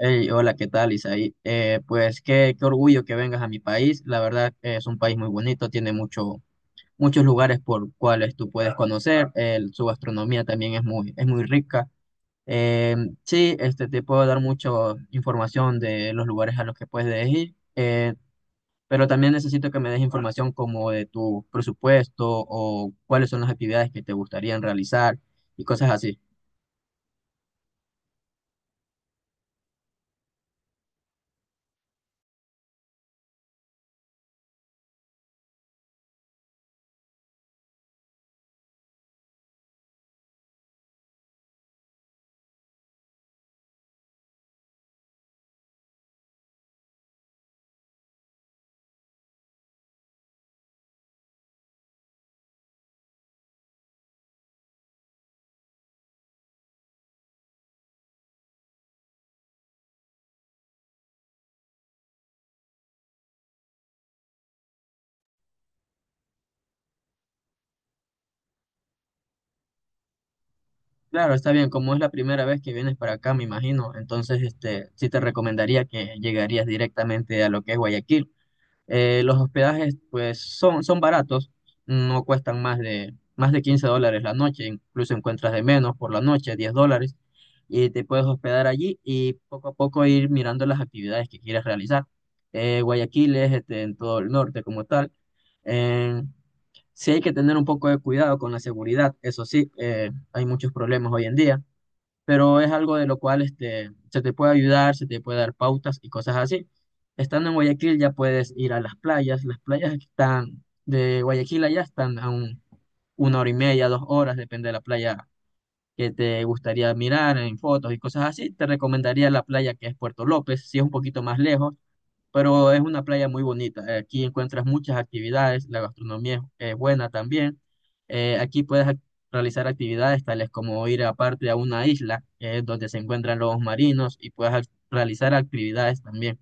Hey, hola, ¿qué tal, Isaí? Pues qué orgullo que vengas a mi país. La verdad es un país muy bonito, tiene muchos lugares por cuales tú puedes conocer. Su gastronomía también es muy rica. Eh, sí, este, te puedo dar mucha información de los lugares a los que puedes ir, pero también necesito que me des información como de tu presupuesto o cuáles son las actividades que te gustarían realizar y cosas así. Claro, está bien, como es la primera vez que vienes para acá, me imagino, entonces este, sí te recomendaría que llegarías directamente a lo que es Guayaquil. Los hospedajes pues son baratos, no cuestan más de $15 la noche, incluso encuentras de menos por la noche, $10, y te puedes hospedar allí y poco a poco ir mirando las actividades que quieres realizar. Guayaquil es este, en todo el norte como tal. Eh, sí hay que tener un poco de cuidado con la seguridad, eso sí, hay muchos problemas hoy en día, pero es algo de lo cual este, se te puede ayudar, se te puede dar pautas y cosas así. Estando en Guayaquil ya puedes ir a las playas, que están de Guayaquil allá están a 1 hora y media, 2 horas, depende de la playa que te gustaría mirar en fotos y cosas así. Te recomendaría la playa que es Puerto López, si es un poquito más lejos, pero es una playa muy bonita. Aquí encuentras muchas actividades, la gastronomía es buena también. Aquí puedes realizar actividades tales como ir aparte a una isla, que es donde se encuentran lobos marinos, y puedes realizar actividades también.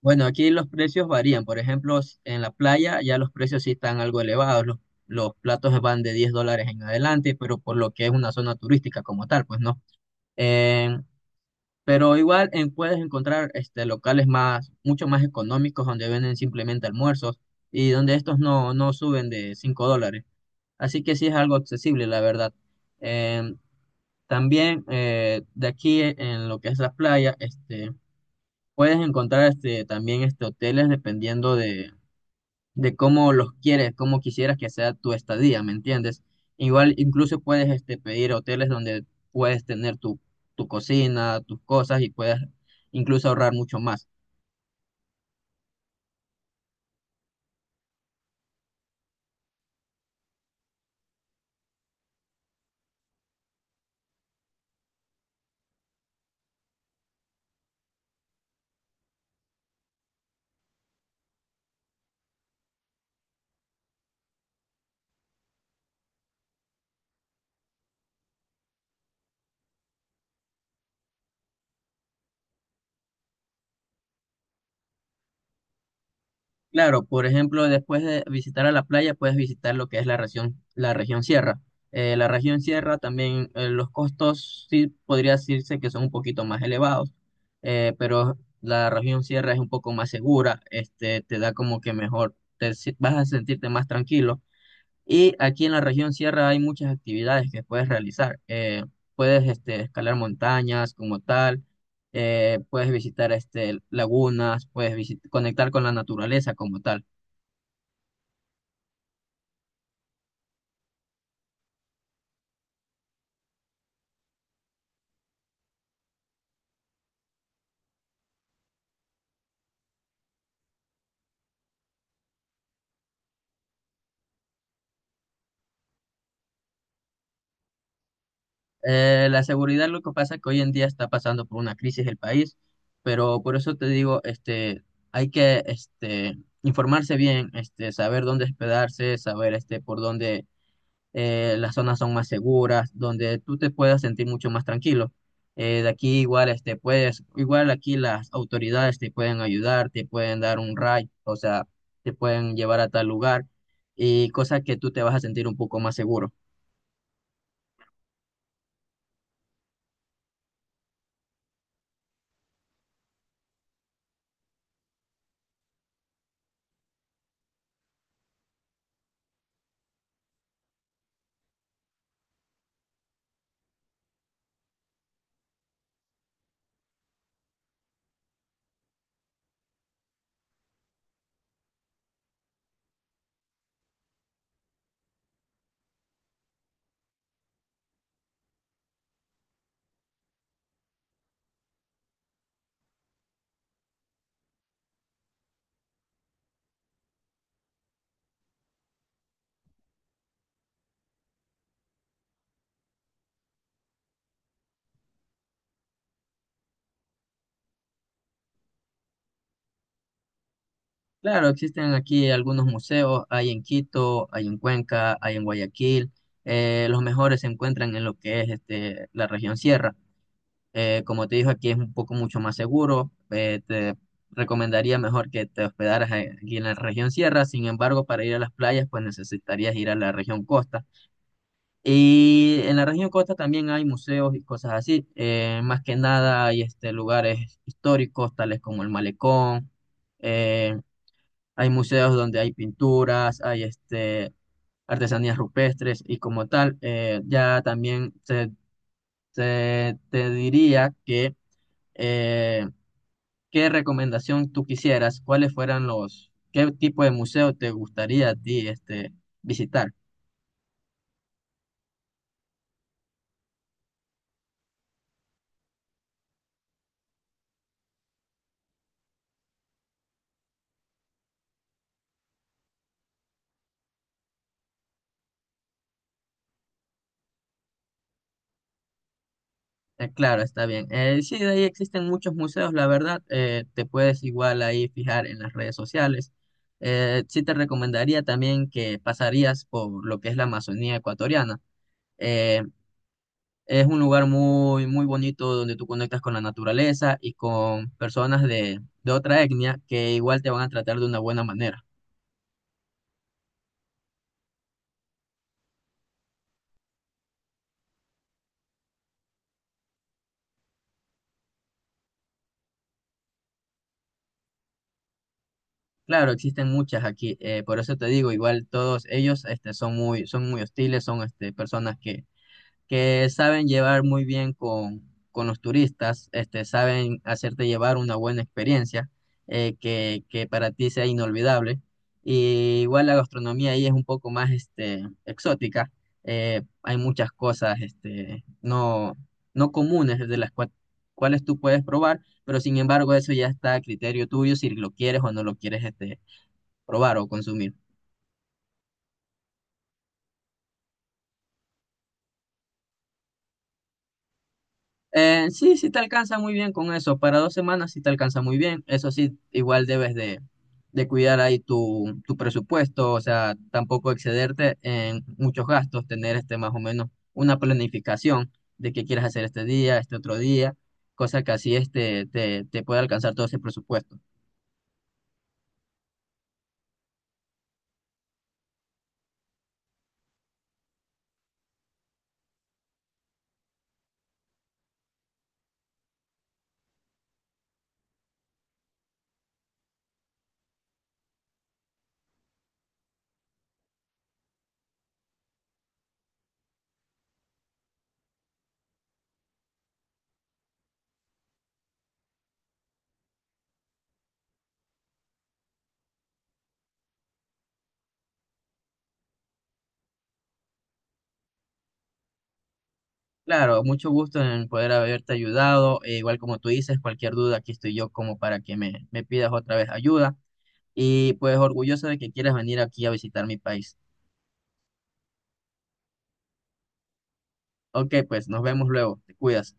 Bueno, aquí los precios varían. Por ejemplo, en la playa ya los precios sí están algo elevados. Los platos van de $10 en adelante, pero por lo que es una zona turística como tal, pues no. Pero igual puedes encontrar este, locales mucho más económicos donde venden simplemente almuerzos y donde estos no suben de $5. Así que sí es algo accesible, la verdad. Eh, También de aquí en lo que es la playa, este, puedes encontrar este, también este, hoteles dependiendo de cómo los quieres, cómo quisieras que sea tu estadía, ¿me entiendes? Igual incluso puedes este, pedir hoteles donde puedes tener tu cocina, tus cosas y puedes incluso ahorrar mucho más. Claro, por ejemplo, después de visitar a la playa, puedes visitar lo que es la región sierra. La región sierra también, los costos sí podría decirse que son un poquito más elevados, pero la región sierra es un poco más segura, este, te da como que mejor, te si- vas a sentirte más tranquilo. Y aquí en la región sierra hay muchas actividades que puedes realizar. Puedes este, escalar montañas como tal, puedes visitar este, lagunas, puedes conectar con la naturaleza como tal. La seguridad, lo que pasa es que hoy en día está pasando por una crisis el país, pero por eso te digo, este, hay que este, informarse bien, este, saber dónde hospedarse, saber este, por dónde las zonas son más seguras, donde tú te puedas sentir mucho más tranquilo. De aquí igual igual aquí las autoridades te pueden ayudar, te pueden dar un ride, o sea, te pueden llevar a tal lugar y cosa que tú te vas a sentir un poco más seguro. Claro, existen aquí algunos museos, hay en Quito, hay en Cuenca, hay en Guayaquil. Los mejores se encuentran en lo que es este, la región sierra. Como te dijo, aquí es un poco mucho más seguro. Te recomendaría mejor que te hospedaras aquí en la región sierra. Sin embargo, para ir a las playas, pues necesitarías ir a la región costa. Y en la región Costa también hay museos y cosas así. Más que nada hay este, lugares históricos, tales como el Malecón. eh, Hay museos donde hay pinturas, hay este, artesanías rupestres y como tal, ya también te diría que eh, ¿qué recomendación tú quisieras? ¿Cuáles fueran qué tipo de museo te gustaría a ti este, visitar? Claro, está bien. Sí, de ahí existen muchos museos, la verdad. Te puedes igual ahí fijar en las redes sociales. Sí te recomendaría también que pasarías por lo que es la Amazonía ecuatoriana. Eh, es un lugar muy, muy bonito donde tú conectas con la naturaleza y con personas de otra etnia que igual te van a tratar de una buena manera. Claro, existen muchas aquí, por eso te digo, igual todos ellos este, son muy hostiles, son este, personas que saben llevar muy bien con los turistas, este, saben hacerte llevar una buena experiencia, que para ti sea inolvidable. Y igual la gastronomía ahí es un poco más este, exótica. Hay muchas cosas este, no comunes de las cuales tú puedes probar, pero sin embargo eso ya está a criterio tuyo si lo quieres o no lo quieres este, probar o consumir. Sí, sí te alcanza muy bien con eso. Para 2 semanas sí te alcanza muy bien. Eso sí, igual debes de cuidar ahí tu presupuesto, o sea, tampoco excederte en muchos gastos, tener este más o menos una planificación de qué quieres hacer este día, este otro día, cosa que así este, te puede alcanzar todo ese presupuesto. Claro, mucho gusto en poder haberte ayudado. E igual, como tú dices, cualquier duda, aquí estoy yo como para que me pidas otra vez ayuda. Y pues orgulloso de que quieras venir aquí a visitar mi país. Ok, pues nos vemos luego. Te cuidas.